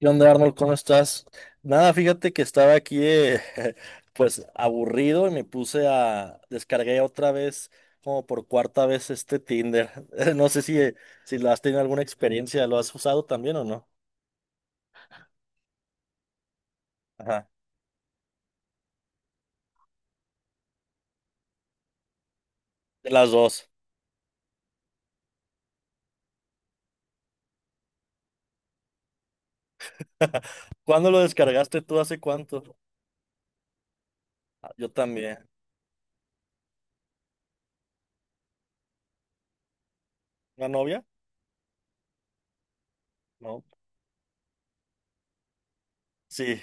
¿Qué onda, Arnold? ¿Cómo estás? Nada, fíjate que estaba aquí, pues, aburrido y me puse a... Descargué otra vez, como por cuarta vez, este Tinder. No sé si lo has tenido alguna experiencia, ¿lo has usado también o no? Ajá, de las dos. ¿Cuándo lo descargaste tú? ¿Hace cuánto? Ah, yo también. ¿Una novia? No. Sí.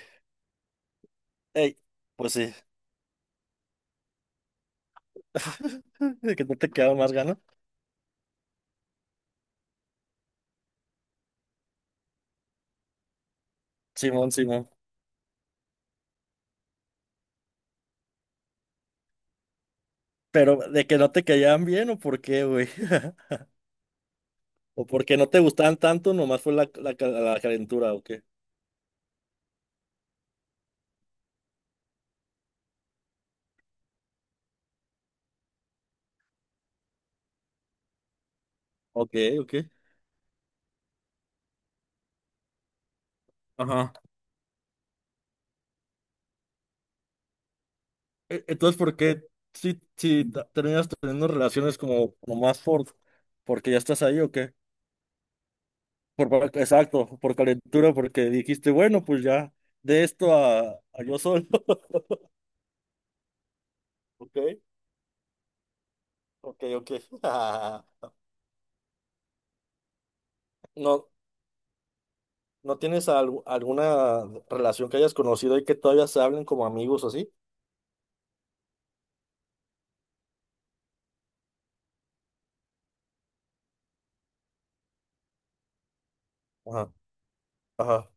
Ey, pues sí. De ¿Que no te quedaban más ganas? Simón, Simón. Pero, ¿de que no te caían bien o por qué, güey? ¿O porque no te gustaban tanto, nomás fue la calentura, o qué? Ok, ok. Ajá. Entonces, ¿por qué si terminas teniendo relaciones como nomás porque ya estás ahí o qué? Exacto, por calentura, porque dijiste, bueno, pues ya, de esto a yo solo. Ok, ok, ok. ¿No, no tienes alguna relación que hayas conocido y que todavía se hablen como amigos o así? Ajá, ajá,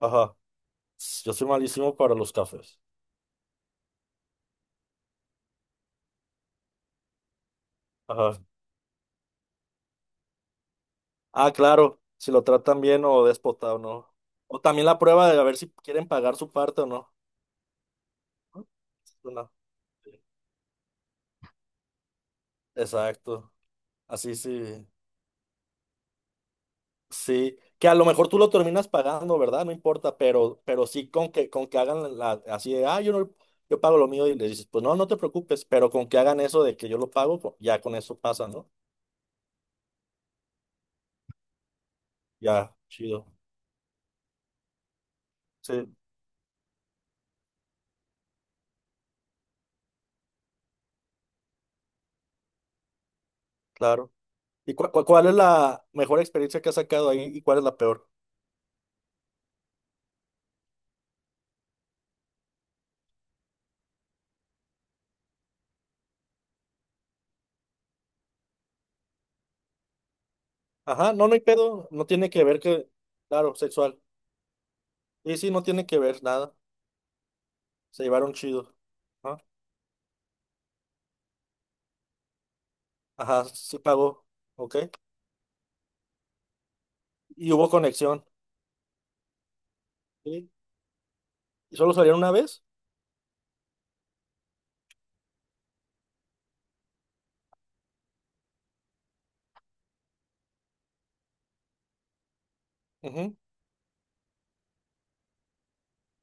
ajá. Yo soy malísimo para los cafés. Ajá. Ah, claro, si lo tratan bien o déspota o no. O también la prueba de a ver si quieren pagar su parte o no. No. No. Exacto. Así sí. Sí. Que a lo mejor tú lo terminas pagando, ¿verdad? No importa, pero sí con que hagan la, así de, ah, yo no, yo pago lo mío y le dices, pues no, no te preocupes, pero con que hagan eso de que yo lo pago, pues, ya con eso pasa, ¿no? Ya, chido. Sí, claro. ¿Y cuál es la mejor experiencia que has sacado ahí y cuál es la peor? Ajá, no, no hay pedo, no tiene que ver que, claro, sexual. Y sí, no tiene que ver nada, se llevaron chido. Ajá, ajá, sí pagó, ok. Y hubo conexión, ¿sí? ¿Y solo salieron una vez? Ujú,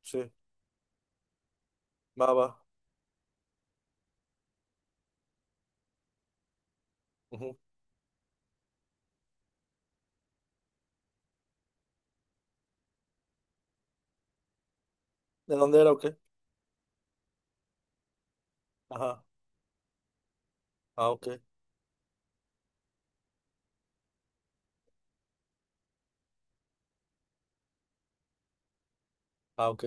sí, va, va. Ujú. ¿De dónde era o qué? Ajá, ah, ok, ah, ok.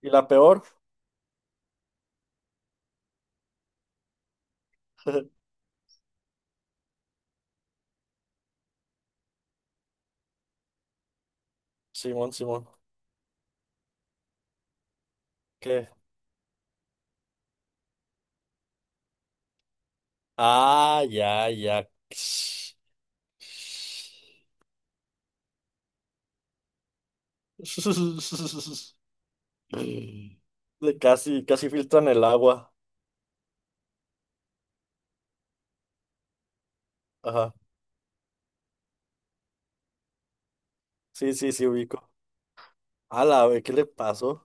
¿Y la peor? Simón, Simón, ¿qué? Ah, ya, ya. De Casi, casi filtran el agua. Ajá, sí, sí, sí, ubico. A la vez, ¿qué le pasó?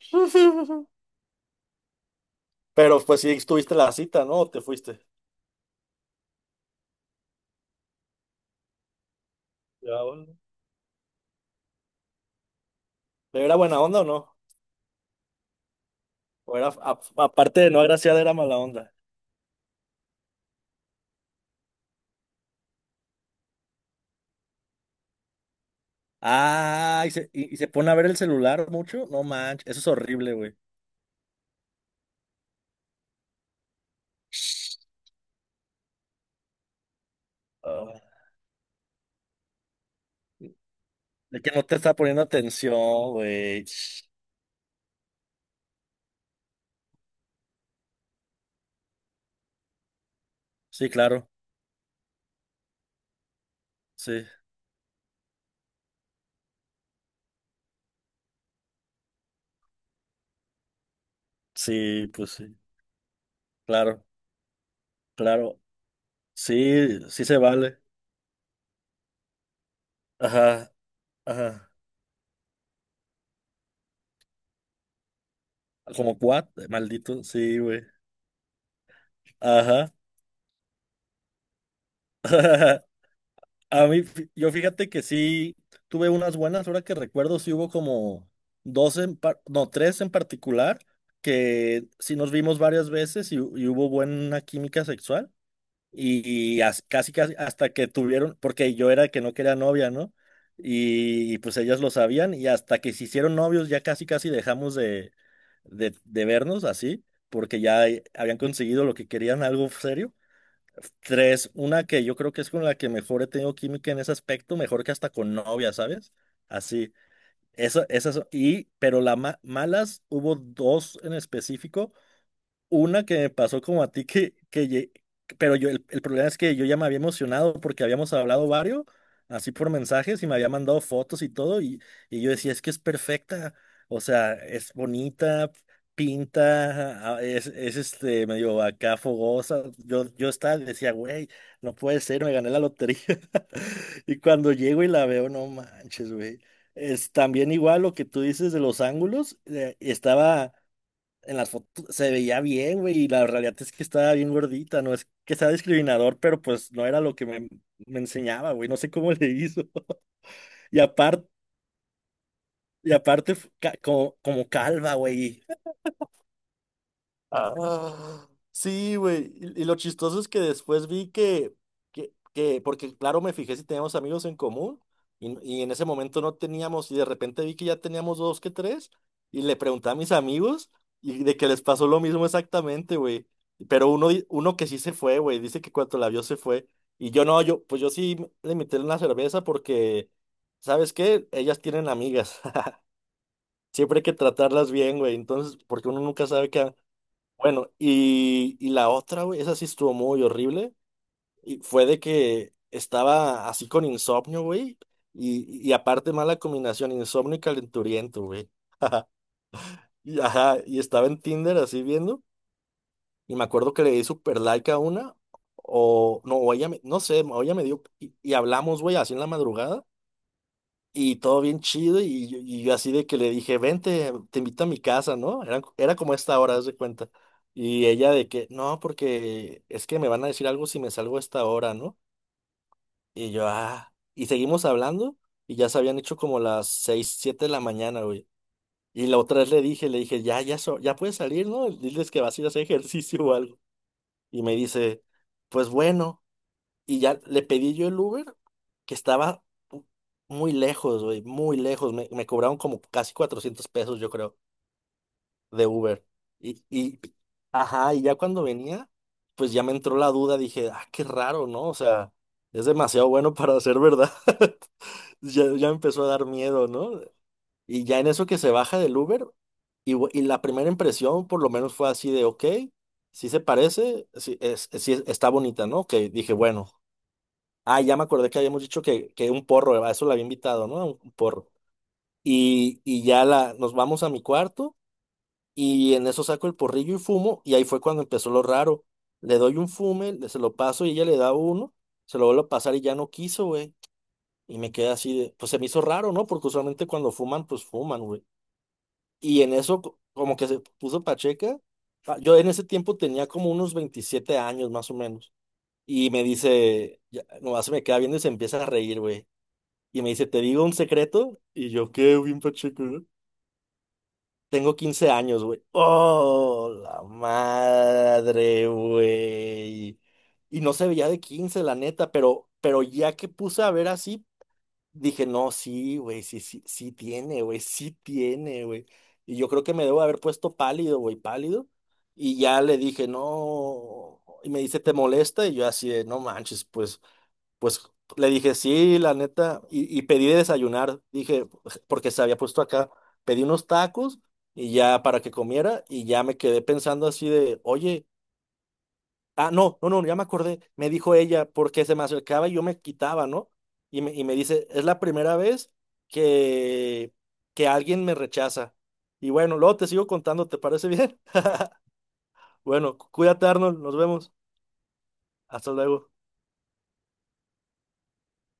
Pero pues sí estuviste la cita, ¿no? ¿O te fuiste? Ya, bueno. ¿Pero era buena onda o no? ¿O era, aparte de no agraciada, era mala onda? Ah, y se pone a ver el celular mucho. No manches, eso es horrible, güey. Ah, de que no te está poniendo atención, güey. Sí, claro. Sí, sí, pues sí. Claro, claro. Sí, sí se vale. Ajá, ajá. Como maldito, sí, güey. Ajá. A mí, yo fíjate que sí tuve unas buenas, ahora que recuerdo, sí hubo como no, tres en particular, que sí nos vimos varias veces y hubo buena química sexual. Y, Casi, casi hasta que tuvieron, porque yo era el que no quería novia, ¿no? Pues ellas lo sabían y hasta que se hicieron novios ya casi, casi dejamos de vernos así, porque ya habían conseguido lo que querían, algo serio. Tres, una que yo creo que es con la que mejor he tenido química en ese aspecto, mejor que hasta con novia, ¿sabes? Así, esa, esas, y, pero las malas, hubo dos en específico, una que me pasó como a ti pero yo, el problema es que yo ya me había emocionado porque habíamos hablado varios, así por mensajes y me había mandado fotos y todo y yo decía, es que es perfecta, o sea, es bonita, pinta, ah, es este medio acá fogosa, yo estaba, decía, güey, no puede ser, me gané la lotería. Y cuando llego y la veo, no manches, güey. Es también igual lo que tú dices de los ángulos, estaba en las fotos, se veía bien, güey, y la realidad es que estaba bien gordita, no es que sea discriminador, pero pues no era lo que me enseñaba, güey, no sé cómo le hizo. Y aparte, como, como calva, güey. Ah, sí, güey. Y lo chistoso es que después vi porque claro, me fijé si teníamos amigos en común y en ese momento no teníamos y de repente vi que ya teníamos dos que tres y le pregunté a mis amigos y de que les pasó lo mismo exactamente, güey. Pero uno, uno que sí se fue, güey, dice que cuando la vio se fue. Y yo no, yo, pues yo sí le invité una cerveza porque, ¿sabes qué? Ellas tienen amigas. Siempre hay que tratarlas bien, güey. Entonces, porque uno nunca sabe qué, bueno, y la otra, güey, esa sí estuvo muy horrible. Y fue de que estaba así con insomnio, güey. Y aparte, mala combinación, insomnio y calenturiento, güey. Y, ajá, y estaba en Tinder así viendo. Y me acuerdo que le di super like a una. O no, o ella me, no sé, o ella me dio. Y hablamos, güey, así en la madrugada. Y todo bien chido, y yo así de que le dije, vente, te invito a mi casa, ¿no? Era como esta hora, haz de cuenta. Y ella de que, no, porque es que me van a decir algo si me salgo a esta hora, ¿no? Y yo, ah, y seguimos hablando, y ya se habían hecho como las seis, siete de la mañana, güey. Y la otra vez le dije, ya, ya, ya puedes salir, ¿no? Diles que vas a ir a hacer ejercicio o algo. Y me dice, pues bueno. Y ya le pedí yo el Uber, que estaba muy lejos, güey, muy lejos. Me cobraron como casi 400 pesos, yo creo, de Uber. Y, y, ajá, y ya cuando venía, pues ya me entró la duda, dije, ah, qué raro, ¿no? O sea, es demasiado bueno para ser verdad. Ya, ya empezó a dar miedo, ¿no? Y ya en eso que se baja del Uber, y la primera impresión por lo menos fue así de, ok, sí se parece, sí, es, sí está bonita, ¿no? Que dije, bueno, ah, ya me acordé que habíamos dicho que un porro, a eso la había invitado, ¿no? A un porro. Y ya la, nos vamos a mi cuarto y en eso saco el porrillo y fumo y ahí fue cuando empezó lo raro. Le doy un fume, se lo paso y ella le da uno, se lo vuelvo a pasar y ya no quiso, güey. Y me quedé así de, pues se me hizo raro, ¿no? Porque usualmente cuando fuman, pues fuman, güey. Y en eso como que se puso pacheca. Ah, yo en ese tiempo tenía como unos 27 años más o menos. Y me dice, ya, nomás se me queda viendo y se empieza a reír, güey. Y me dice, ¿te digo un secreto? Y yo, ¿qué, bien pacheco, no? Tengo 15 años, güey. ¡Oh, la madre, güey! Y no se veía de quince, la neta, pero, ya que puse a ver así, dije, no, sí, güey, sí, sí, sí tiene, güey, sí tiene, güey. Y yo creo que me debo haber puesto pálido, güey, pálido. Y ya le dije, no. Y me dice, ¿te molesta? Y yo así de, no manches, pues. Pues le dije, sí, la neta, y pedí de desayunar, dije, porque se había puesto acá, pedí unos tacos y ya para que comiera y ya me quedé pensando así de, oye, ah, no, no, no, ya me acordé, me dijo ella, porque se me acercaba y yo me quitaba, ¿no? Y me dice, es la primera vez que, que alguien me rechaza. Y bueno, luego te sigo contando, ¿te parece bien? Bueno, cuídate, Arnold, nos vemos, hasta luego.